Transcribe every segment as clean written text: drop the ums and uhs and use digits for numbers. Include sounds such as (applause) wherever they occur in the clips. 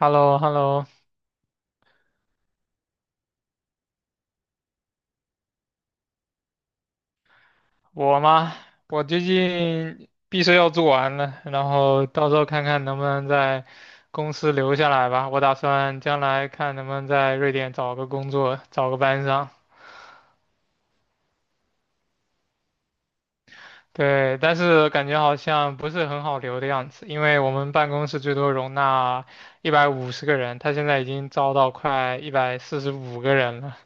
h e l l o h e l l o 我吗？我最近毕设要做完了，然后到时候看看能不能在公司留下来吧。我打算将来看能不能在瑞典找个工作，找个班上。对，但是感觉好像不是很好留的样子，因为我们办公室最多容纳150个人，他现在已经招到快145个人了，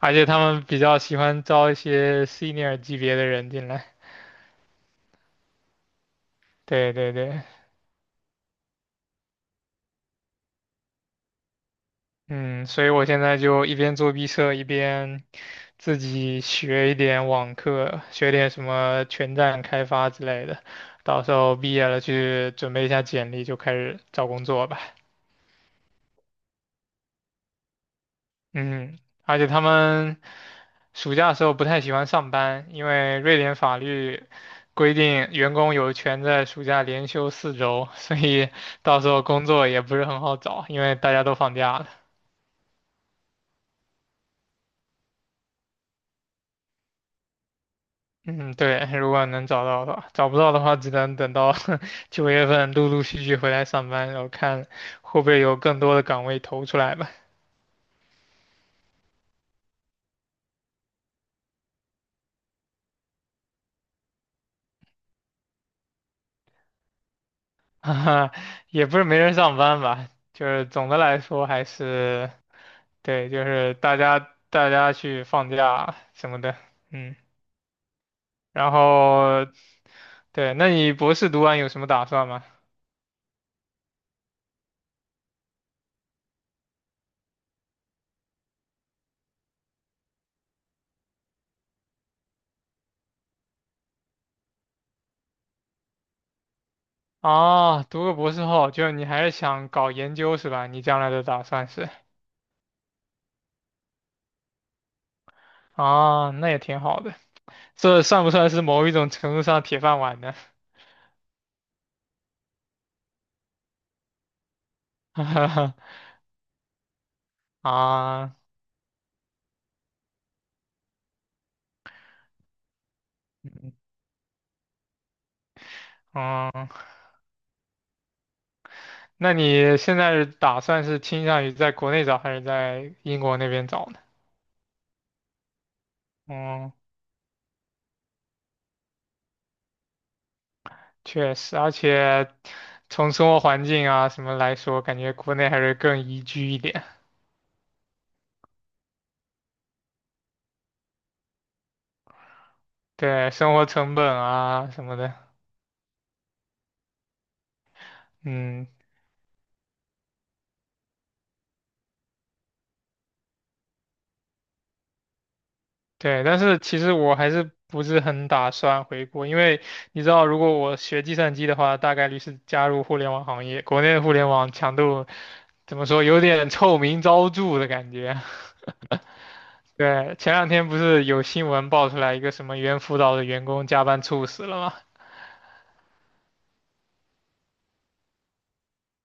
而且他们比较喜欢招一些 senior 级别的人进来。对对对。嗯，所以我现在就一边做毕设，一边自己学一点网课，学点什么全站开发之类的。到时候毕业了去准备一下简历，就开始找工作吧。嗯，而且他们暑假的时候不太喜欢上班，因为瑞典法律规定员工有权在暑假连休4周，所以到时候工作也不是很好找，因为大家都放假了。嗯，对，如果能找到的话，找不到的话，只能等到 (laughs) 9月份陆陆续续回来上班，然后看会不会有更多的岗位投出来吧。(laughs) 哈哈，也不是没人上班吧，就是总的来说还是，对，就是大家去放假什么的，嗯，然后对，那你博士读完有什么打算吗？啊，读个博士后，就是你还是想搞研究是吧？你将来的打算是？啊，那也挺好的。这算不算是某一种程度上铁饭碗呢？(laughs) 啊，嗯，那你现在是打算是倾向于在国内找还是在英国那边找呢？嗯，确实，而且从生活环境啊什么来说，感觉国内还是更宜居一点。对，生活成本啊什么的，嗯，对，但是其实我还是不是很打算回国，因为你知道，如果我学计算机的话，大概率是加入互联网行业。国内的互联网强度怎么说，有点臭名昭著的感觉。(laughs) 对，前两天不是有新闻爆出来一个什么猿辅导的员工加班猝死了吗？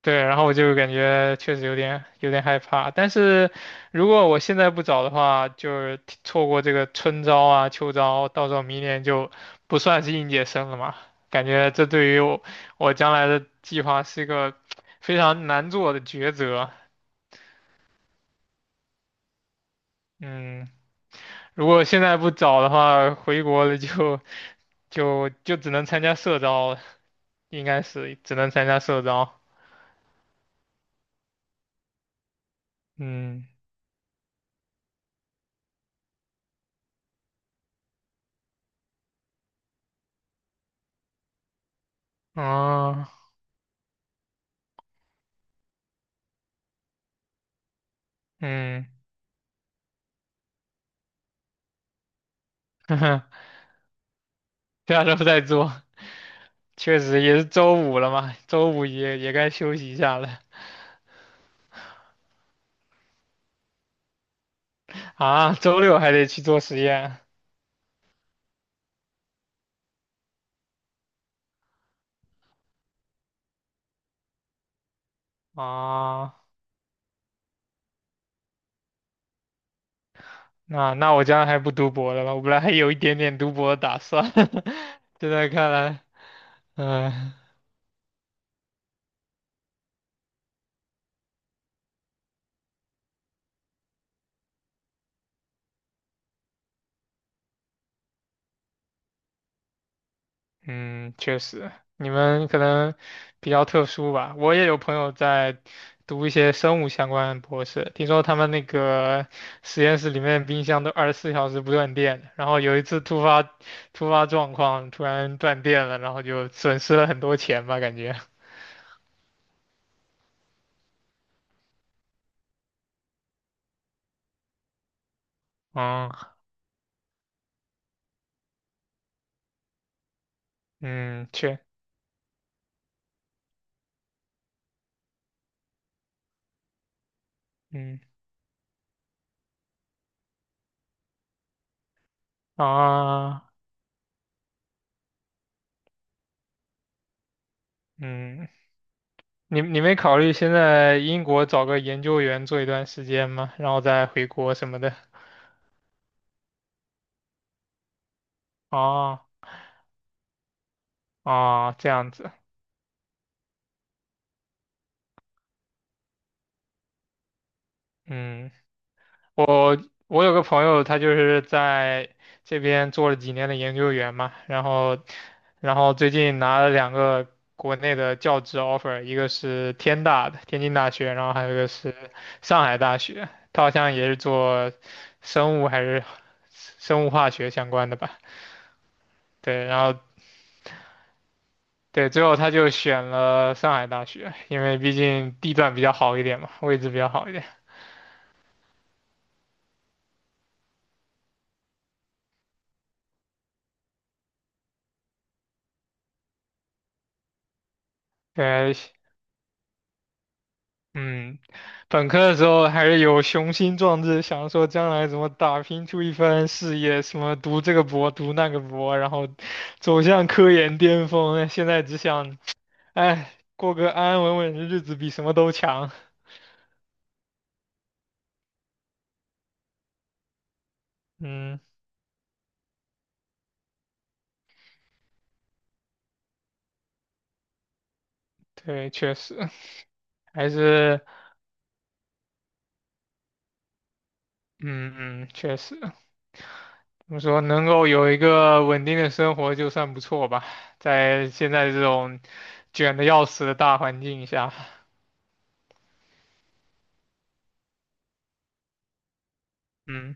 对，然后我就感觉确实有点害怕，但是如果我现在不找的话，就是提错过这个春招啊、秋招，到时候明年就不算是应届生了嘛。感觉这对于我将来的计划是一个非常难做的抉择。嗯，如果现在不找的话，回国了就只能参加社招了应该是只能参加社招。嗯，哦，嗯，(laughs) 下周再做。确实也是周五了嘛，周五也该休息一下了啊，周六还得去做实验啊，那我将来还不读博了吧？我本来还有一点点读博的打算，(laughs) 现在看来，嗯、嗯，确实，你们可能比较特殊吧。我也有朋友在读一些生物相关的博士，听说他们那个实验室里面冰箱都24小时不断电的然后有一次突发状况，突然断电了，然后就损失了很多钱吧，感觉。嗯 (laughs) 嗯，确，嗯啊，嗯，你没考虑先在英国找个研究员做一段时间吗？然后再回国什么的？哦哦，这样子。嗯，我我有个朋友，他就是在这边做了几年的研究员嘛，然后最近拿了两个国内的教职 offer，一个是天大的天津大学，然后还有一个是上海大学，他好像也是做生物还是生物化学相关的吧，对，然后对，最后他就选了上海大学，因为毕竟地段比较好一点嘛，位置比较好一点，对，嗯，本科的时候还是有雄心壮志，想说将来怎么打拼出一番事业，什么读这个博，读那个博，然后走向科研巅峰。现在只想，哎，过个安安稳稳的日子比什么都强。嗯，对，确实还是，嗯嗯，确实，怎么说，能够有一个稳定的生活就算不错吧，在现在这种卷的要死的大环境下，嗯，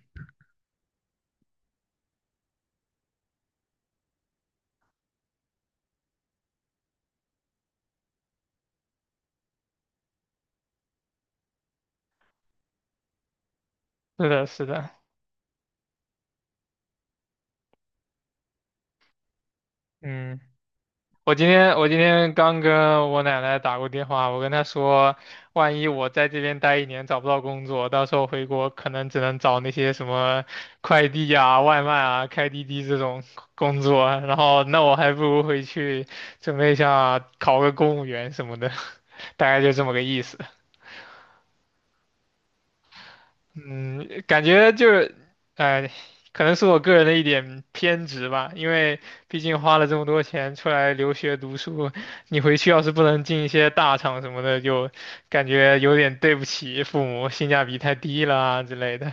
是的，是的。嗯。我今天刚跟我奶奶打过电话，我跟她说，万一我在这边待一年找不到工作，到时候回国可能只能找那些什么快递啊、外卖啊、开滴滴这种工作，然后那我还不如回去准备一下考个公务员什么的，(laughs) 大概就这么个意思。嗯，感觉就是，哎、可能是我个人的一点偏执吧，因为毕竟花了这么多钱出来留学读书，你回去要是不能进一些大厂什么的，就感觉有点对不起父母，性价比太低了啊之类的。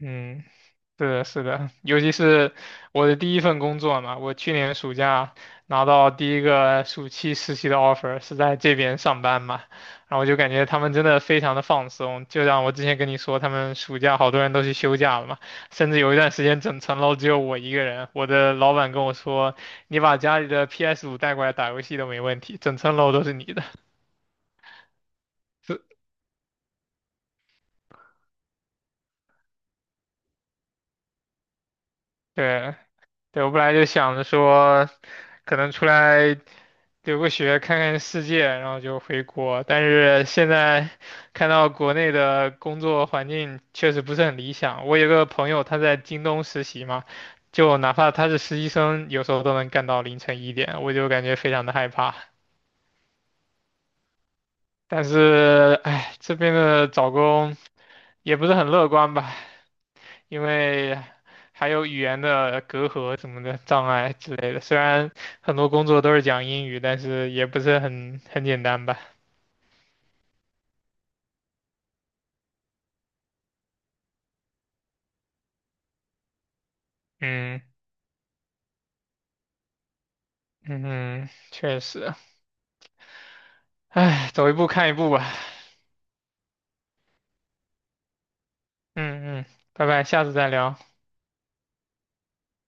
嗯。是的，是的，(laughs) 尤其是我的第一份工作嘛，我去年暑假拿到第一个暑期实习的 offer，是在这边上班嘛，然后我就感觉他们真的非常的放松，就像我之前跟你说，他们暑假好多人都去休假了嘛，甚至有一段时间整层楼只有我一个人，我的老板跟我说，你把家里的 PS5带过来打游戏都没问题，整层楼都是你的，是，(laughs) 对。对，我本来就想着说，可能出来留个学，看看世界，然后就回国。但是现在看到国内的工作环境确实不是很理想。我有个朋友，他在京东实习嘛，就哪怕他是实习生，有时候都能干到凌晨1点，我就感觉非常的害怕。但是，哎，这边的找工也不是很乐观吧，因为还有语言的隔阂什么的障碍之类的。虽然很多工作都是讲英语，但是也不是很简单吧。嗯嗯，嗯，确实，唉，走一步看一步吧。嗯嗯，拜拜，下次再聊。